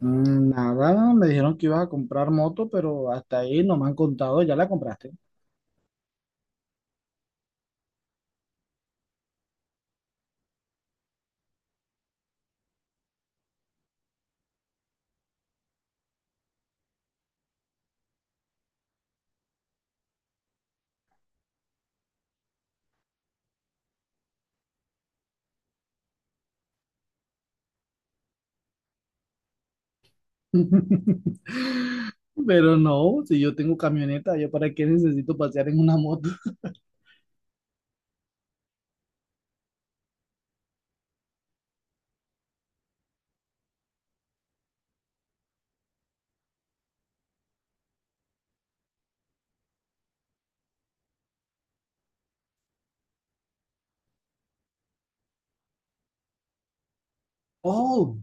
Nada, me dijeron que ibas a comprar moto, pero hasta ahí no me han contado, ya la compraste. Pero no, si yo tengo camioneta, ¿yo para qué necesito pasear en una moto? Oh,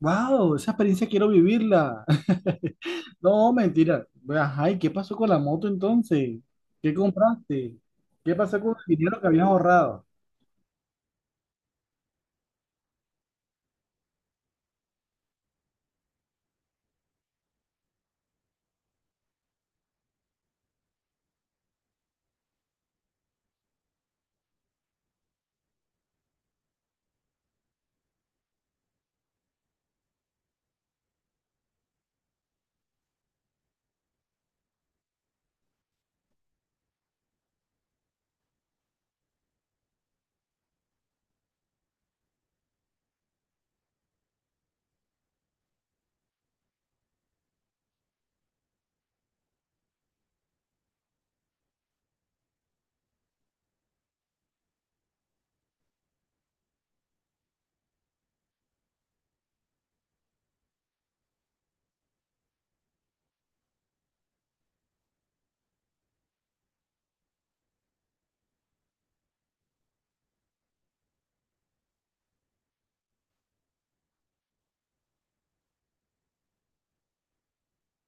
wow, esa experiencia quiero vivirla. No, mentira. Ajá, ¿y qué pasó con la moto entonces? ¿Qué compraste? ¿Qué pasó con el dinero que habías ahorrado?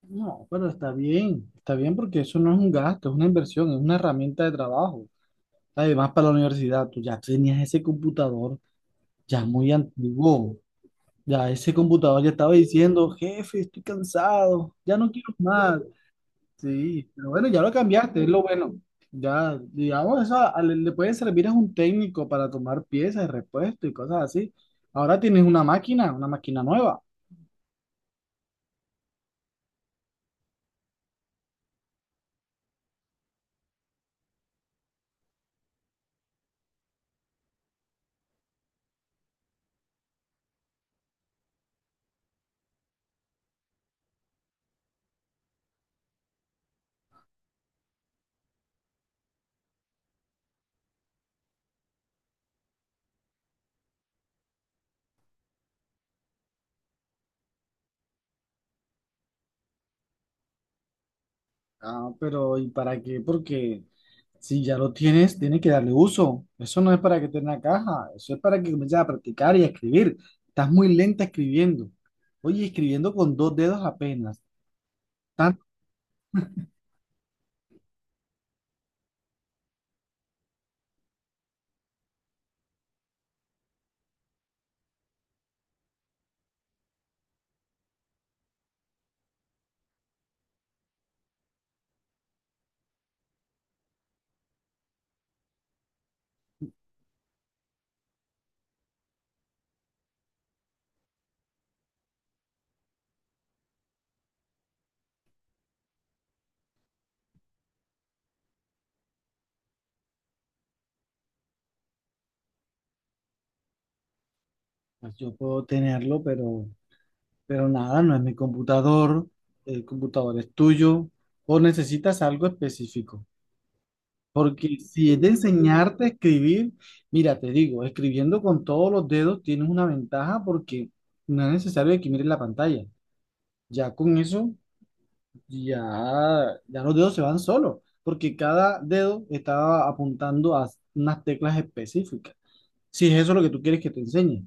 No, pero está bien porque eso no es un gasto, es una inversión, es una herramienta de trabajo. Además, para la universidad, tú ya tenías ese computador ya muy antiguo. Ya ese computador ya estaba diciendo, jefe, estoy cansado, ya no quiero más. Sí, pero bueno, ya lo cambiaste, es lo bueno. Ya, digamos, eso le puede servir a un técnico para tomar piezas, de repuesto y cosas así. Ahora tienes una máquina nueva. Ah, pero ¿y para qué? Porque si ya lo tienes, tienes que darle uso. Eso no es para que tenga caja, eso es para que comiences a practicar y a escribir. Estás muy lenta escribiendo. Oye, escribiendo con dos dedos apenas. Tanto, pues yo puedo tenerlo, pero nada, no es mi computador. El computador es tuyo. O necesitas algo específico. Porque si es de enseñarte a escribir, mira, te digo, escribiendo con todos los dedos tienes una ventaja porque no es necesario que mires la pantalla. Ya con eso, ya, ya los dedos se van solos. Porque cada dedo está apuntando a unas teclas específicas. Si es eso lo que tú quieres que te enseñe.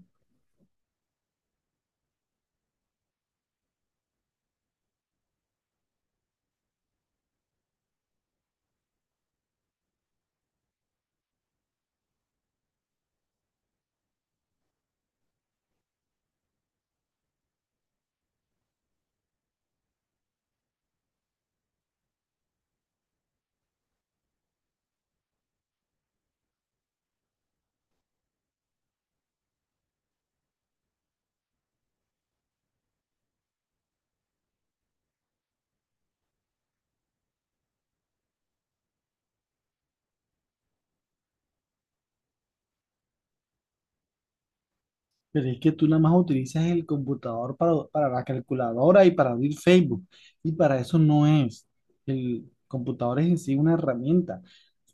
Pero es que tú nada más utilizas el computador para la calculadora y para abrir Facebook. Y para eso no es. El computador es en sí una herramienta.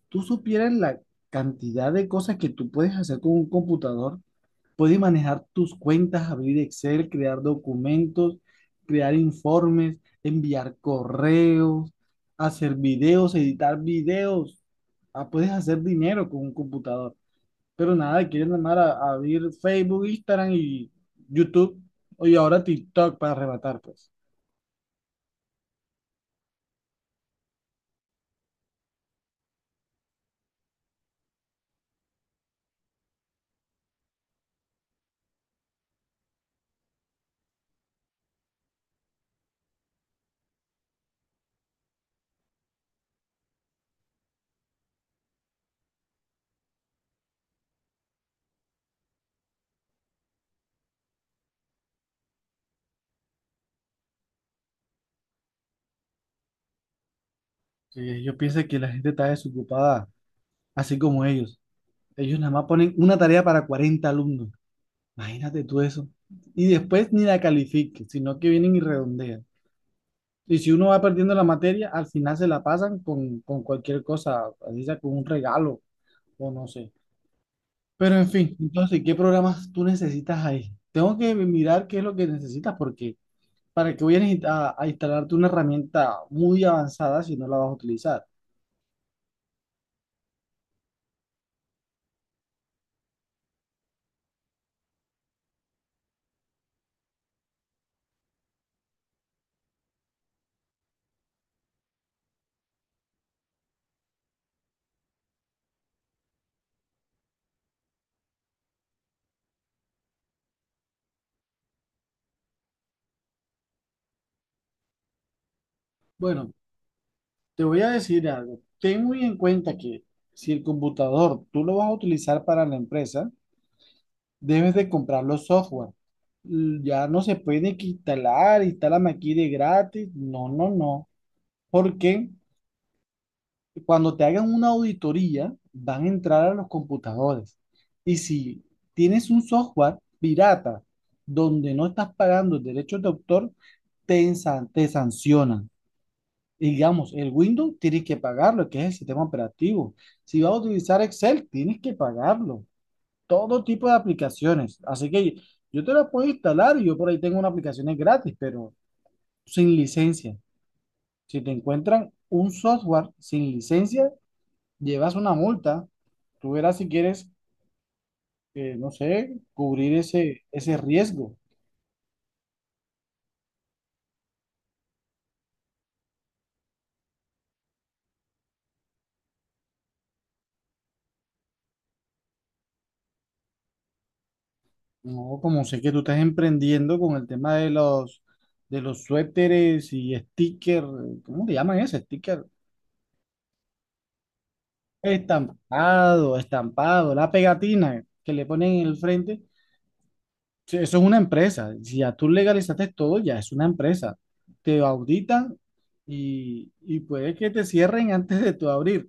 Tú supieras la cantidad de cosas que tú puedes hacer con un computador. Puedes manejar tus cuentas, abrir Excel, crear documentos, crear informes, enviar correos, hacer videos, editar videos. Ah, puedes hacer dinero con un computador. Pero nada, quieren llamar a abrir Facebook, Instagram y YouTube, y ahora TikTok para arrebatar, pues. Sí, yo pienso que la gente está desocupada, así como ellos. Ellos nada más ponen una tarea para 40 alumnos. Imagínate tú eso. Y después ni la califiquen, sino que vienen y redondean. Y si uno va perdiendo la materia, al final se la pasan con cualquier cosa, así sea con un regalo o no sé. Pero en fin, entonces, ¿qué programas tú necesitas ahí? Tengo que mirar qué es lo que necesitas porque ¿para que vayas a instalarte una herramienta muy avanzada si no la vas a utilizar? Bueno, te voy a decir algo. Ten muy en cuenta que si el computador tú lo vas a utilizar para la empresa, debes de comprar los software. Ya no se puede que instalar, instálame aquí de gratis. No, no, no. ¿Por qué? Cuando te hagan una auditoría, van a entrar a los computadores. Y si tienes un software pirata donde no estás pagando derechos de autor, te sancionan. Y digamos, el Windows tienes que pagarlo, que es el sistema operativo. Si vas a utilizar Excel, tienes que pagarlo. Todo tipo de aplicaciones. Así que yo te la puedo instalar y yo por ahí tengo unas aplicaciones gratis, pero sin licencia. Si te encuentran un software sin licencia, llevas una multa, tú verás si quieres, no sé, cubrir ese riesgo. No, como sé que tú estás emprendiendo con el tema de de los suéteres y sticker, ¿cómo le llaman ese sticker? Estampado, estampado, la pegatina que le ponen en el frente. Sí, eso es una empresa. Si ya tú legalizaste todo, ya es una empresa. Te auditan y puede que te cierren antes de tu abrir.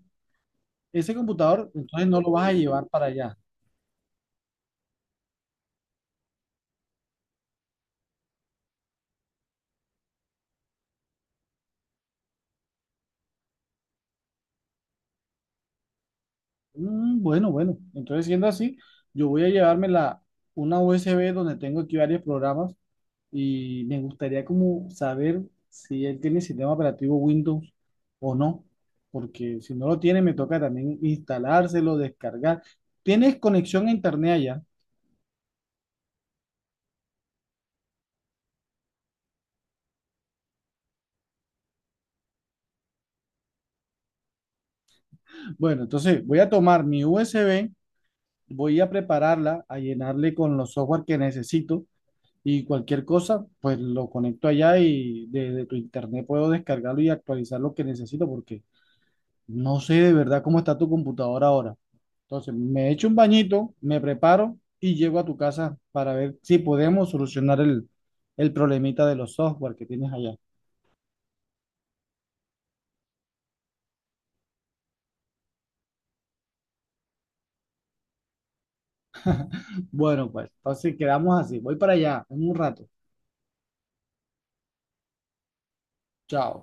Ese computador, entonces no lo vas a llevar para allá. Bueno, bueno. Entonces, siendo así, yo voy a llevarme una USB donde tengo aquí varios programas y me gustaría como saber si él tiene sistema operativo Windows o no, porque si no lo tiene, me toca también instalárselo, descargar. ¿Tienes conexión a internet allá? Bueno, entonces voy a tomar mi USB, voy a prepararla, a llenarle con los software que necesito y cualquier cosa, pues lo conecto allá y desde tu internet puedo descargarlo y actualizar lo que necesito porque no sé de verdad cómo está tu computadora ahora. Entonces, me echo un bañito, me preparo y llego a tu casa para ver si podemos solucionar el problemita de los software que tienes allá. Bueno, pues entonces quedamos así. Voy para allá en un rato. Chao.